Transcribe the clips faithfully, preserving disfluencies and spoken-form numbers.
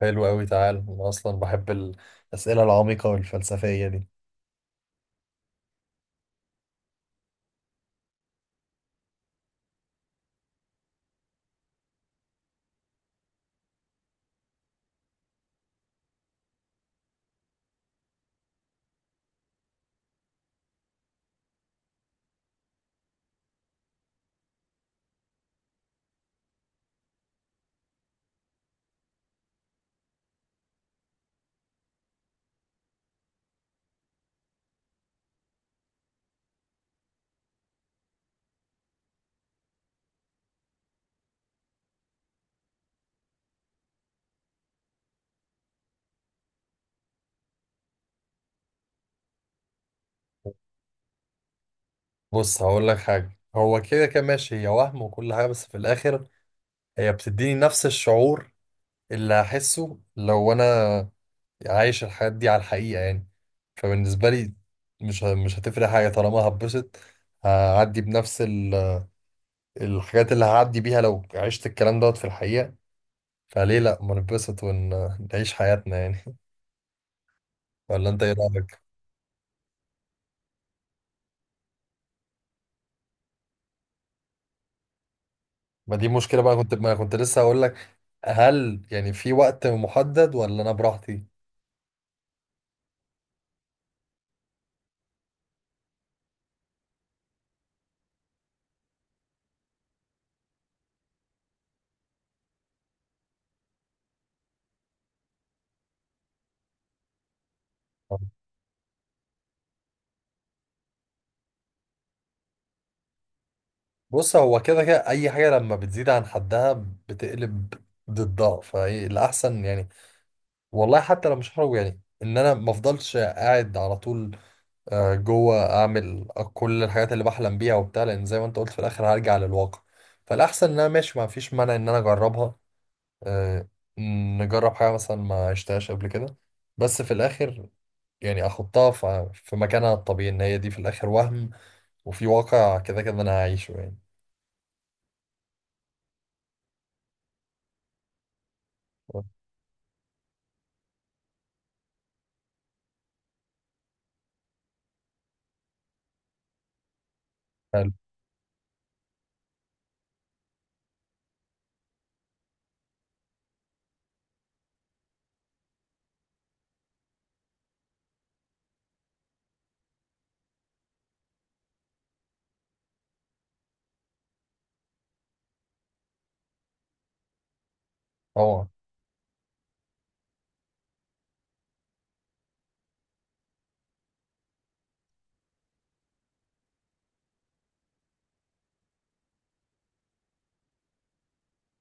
حلو قوي، تعال. انا اصلا بحب الاسئله العميقه والفلسفيه دي. بص، هقول لك حاجه، هو كده كده ماشي، هي وهم وكل حاجه، بس في الاخر هي بتديني نفس الشعور اللي هحسه لو انا عايش الحياه دي على الحقيقه يعني. فبالنسبه لي مش ه- مش هتفرق حاجه طالما هتبسط. هعدي بنفس ال- الحاجات اللي هعدي بيها لو عشت الكلام دوت في الحقيقه. فليه لا ما نتبسط ونعيش حياتنا يعني. ولا انت ايه رايك؟ ما دي مشكلة بقى، كنت ما كنت، لسه هقول لك، هل يعني في وقت محدد ولا انا براحتي؟ بص، هو كده كده اي حاجة لما بتزيد عن حدها بتقلب ضدها، فهي الاحسن يعني. والله حتى لو مش هخرج، يعني ان انا ما افضلش قاعد على طول، آه، جوه اعمل كل الحاجات اللي بحلم بيها وبتاع، لان زي ما انت قلت في الاخر هرجع للواقع. فالاحسن ان انا ماشي، ما فيش مانع ان انا اجربها. آه، نجرب حاجة مثلا ما عشتهاش قبل كده. بس في الاخر يعني احطها في في مكانها الطبيعي، ان هي دي في الاخر وهم، وفي واقع كده كده انا هعيشه يعني. حلو. طبعا.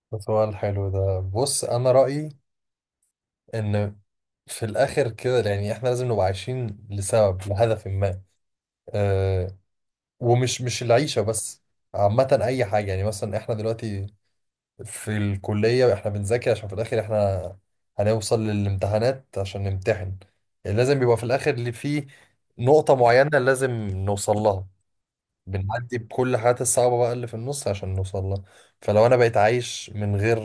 ده سؤال حلو. ده بص، انا رأيي ان في الاخر كده يعني احنا لازم نبقى عايشين لسبب، لهدف ما. أه ومش مش العيشة بس. عامة اي حاجة، يعني مثلا احنا دلوقتي في الكلية احنا بنذاكر عشان في الاخر احنا هنوصل للامتحانات عشان نمتحن. يعني لازم يبقى في الاخر اللي فيه نقطة معينة لازم نوصل لها، بنعدي بكل الحاجات الصعبة بقى اللي في النص عشان نوصل لها. فلو أنا بقيت عايش من غير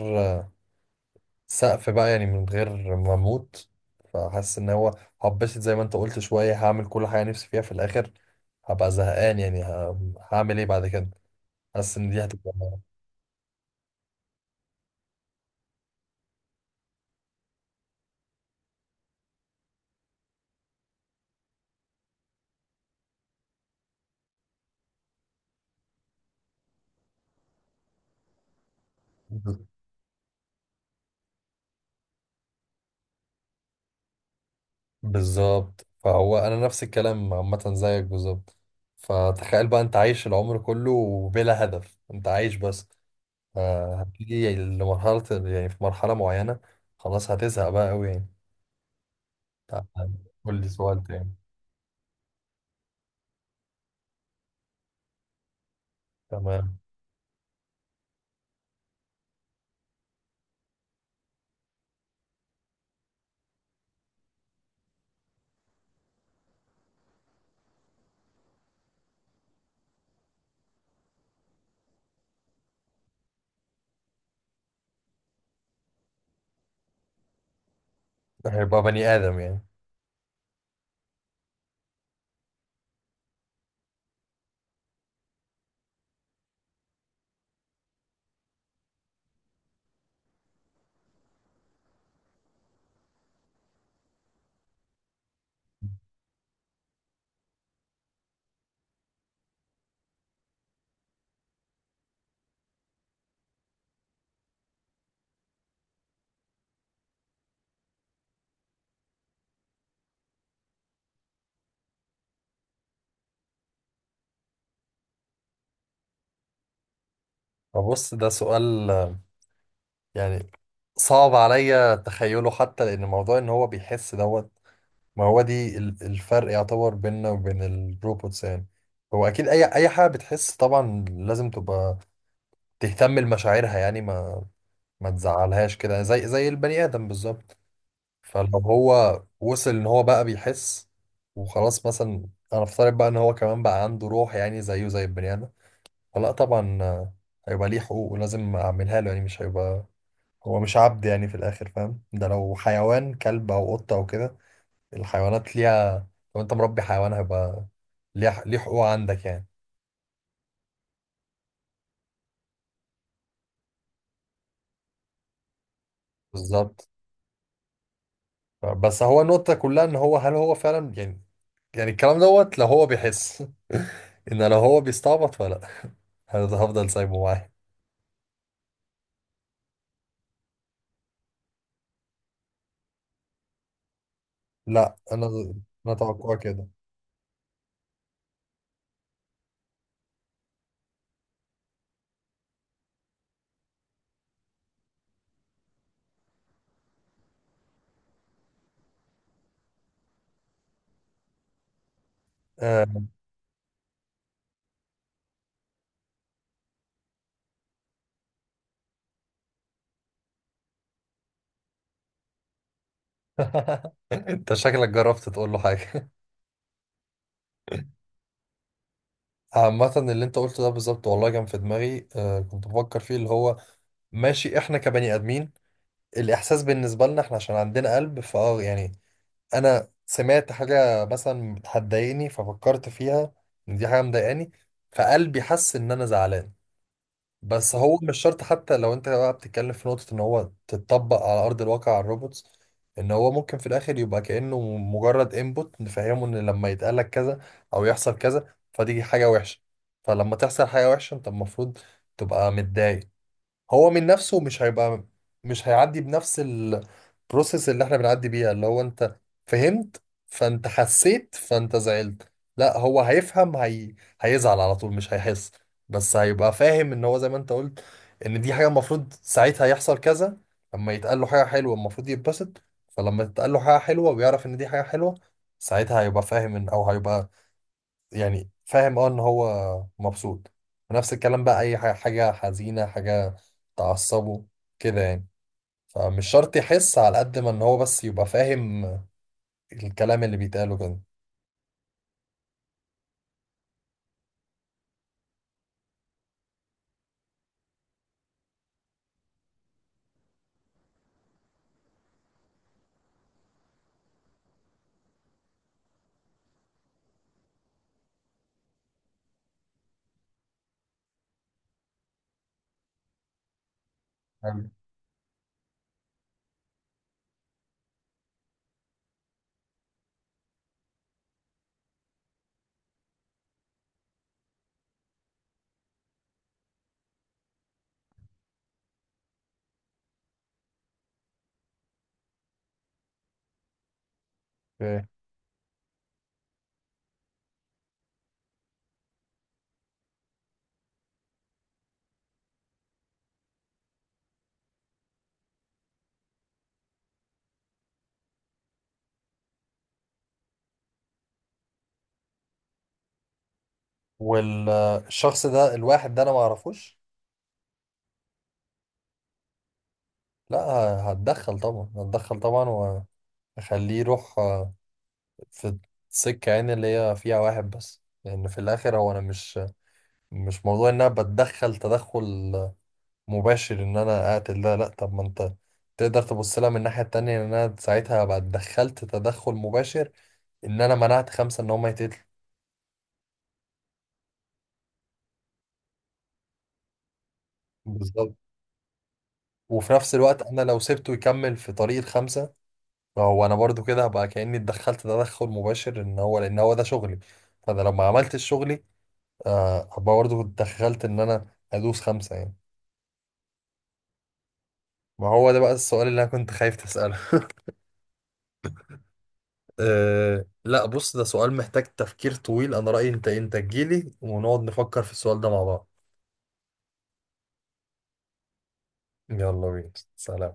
سقف بقى، يعني من غير ما أموت، فحاسس إن هو هبسط زي ما أنت قلت شوية، هعمل كل حاجة نفسي فيها، في الآخر هبقى زهقان يعني، ه- هعمل إيه بعد كده؟ حاسس إن دي هتبقى. ب- بالظبط، فهو أنا نفس الكلام عامة زيك بالظبط. فتخيل بقى أنت عايش العمر كله بلا هدف، أنت عايش بس، فهتيجي لمرحلة، يعني في مرحلة معينة خلاص هتزهق بقى أوي يعني. تعال، قول لي سؤال تاني. تمام. هيبقى بني آدم يعني. فبص، ده سؤال آه، يعني صعب عليا تخيله، حتى لأن موضوع إن هو بيحس دوت، ما هو دي ال- الفرق يعتبر بيننا وبين الروبوتس يعني. هو أكيد أي أي حاجة بتحس طبعا لازم تبقى تهتم لمشاعرها يعني، ما ما تزعلهاش كده زي زي البني آدم بالظبط. فلو هو وصل ان هو بقى بيحس وخلاص، مثلا انا افترض بقى ان هو كمان بقى عنده روح يعني زيه زي البني ادم، فلا طبعا، آه، هيبقى ليه حقوق ولازم اعملها له يعني. مش هيبقى، هو مش عبد يعني في الاخر، فاهم؟ ده لو حيوان كلب او قطة او كده، الحيوانات ليها، لو انت مربي حيوان هيبقى ليه ليه حقوق عندك يعني. بالظبط. بس هو النقطة كلها ان هو هل هو فعلا، يعني يعني الكلام دوت لو هو بيحس. ان لو هو بيستعبط فلا هفضل سايبه معاه. لا. انا انا توقعي كده. آه. انت شكلك جربت تقول له حاجه. عامه اللي انت قلته ده بالظبط والله، كان في دماغي، آه كنت بفكر فيه، اللي هو ماشي، احنا كبني ادمين الاحساس بالنسبه لنا، احنا عشان عندنا قلب فاه يعني. انا سمعت حاجه مثلا بتضايقني ففكرت فيها ان دي حاجه مضايقاني، فقلبي حس ان انا زعلان. بس هو مش شرط، حتى لو انت بقى بتتكلم في نقطة ان هو تتطبق على ارض الواقع على الروبوتس، ان هو ممكن في الاخر يبقى كأنه مجرد انبوت نفهمه ان لما يتقالك كذا او يحصل كذا فدي حاجة وحشة. فلما تحصل حاجة وحشة انت المفروض تبقى متضايق. هو من نفسه مش هيبقى، مش هيعدي بنفس البروسيس اللي احنا بنعدي بيها، اللي هو انت فهمت فانت حسيت فانت زعلت. لا هو هيفهم، هي... هيزعل على طول، مش هيحس، بس هيبقى فاهم ان هو زي ما انت قلت ان دي حاجة المفروض ساعتها يحصل كذا. لما يتقال له حاجة حلوة المفروض يتبسط، فلما تتقال له حاجة حلوة ويعرف ان دي حاجة حلوة ساعتها هيبقى فاهم ان او هيبقى، يعني فاهم اه ان هو مبسوط. ونفس الكلام بقى اي ح- حاجة حزينة، حاجة تعصبه كده يعني. فمش شرط يحس على قد ما ان هو بس يبقى فاهم الكلام اللي بيتقاله كده. حلو. اوكي. والشخص ده الواحد ده انا ما اعرفوش؟ لا، ه- هتدخل طبعا، هتدخل طبعا. واخليه يروح آه، في السكة يعني اللي هي فيها واحد بس، لان في الاخر هو انا مش، مش موضوع ان انا بتدخل تدخل مباشر ان انا اقتل ده، لا. طب ما انت تقدر تبص لها من الناحية التانية، ان انا ساعتها هبقى اتدخلت تدخل مباشر ان انا منعت خمسة ان هم يتقتلوا. بالظبط. وفي نفس الوقت انا لو سبته يكمل في طريق الخمسة، فهو انا برضو كده هبقى كأني اتدخلت تدخل مباشر ان هو، لان هو ده شغلي، فانا لو ما عملتش شغلي، آه، هبقى برضو اتدخلت ان انا ادوس خمسة يعني. ما هو ده بقى السؤال اللي انا كنت خايف تسأله. أه لا، بص، ده سؤال محتاج تفكير طويل. انا رأيي، انت إيه؟ انت تجيلي ونقعد نفكر في السؤال ده مع بعض. يلا بينا، سلام.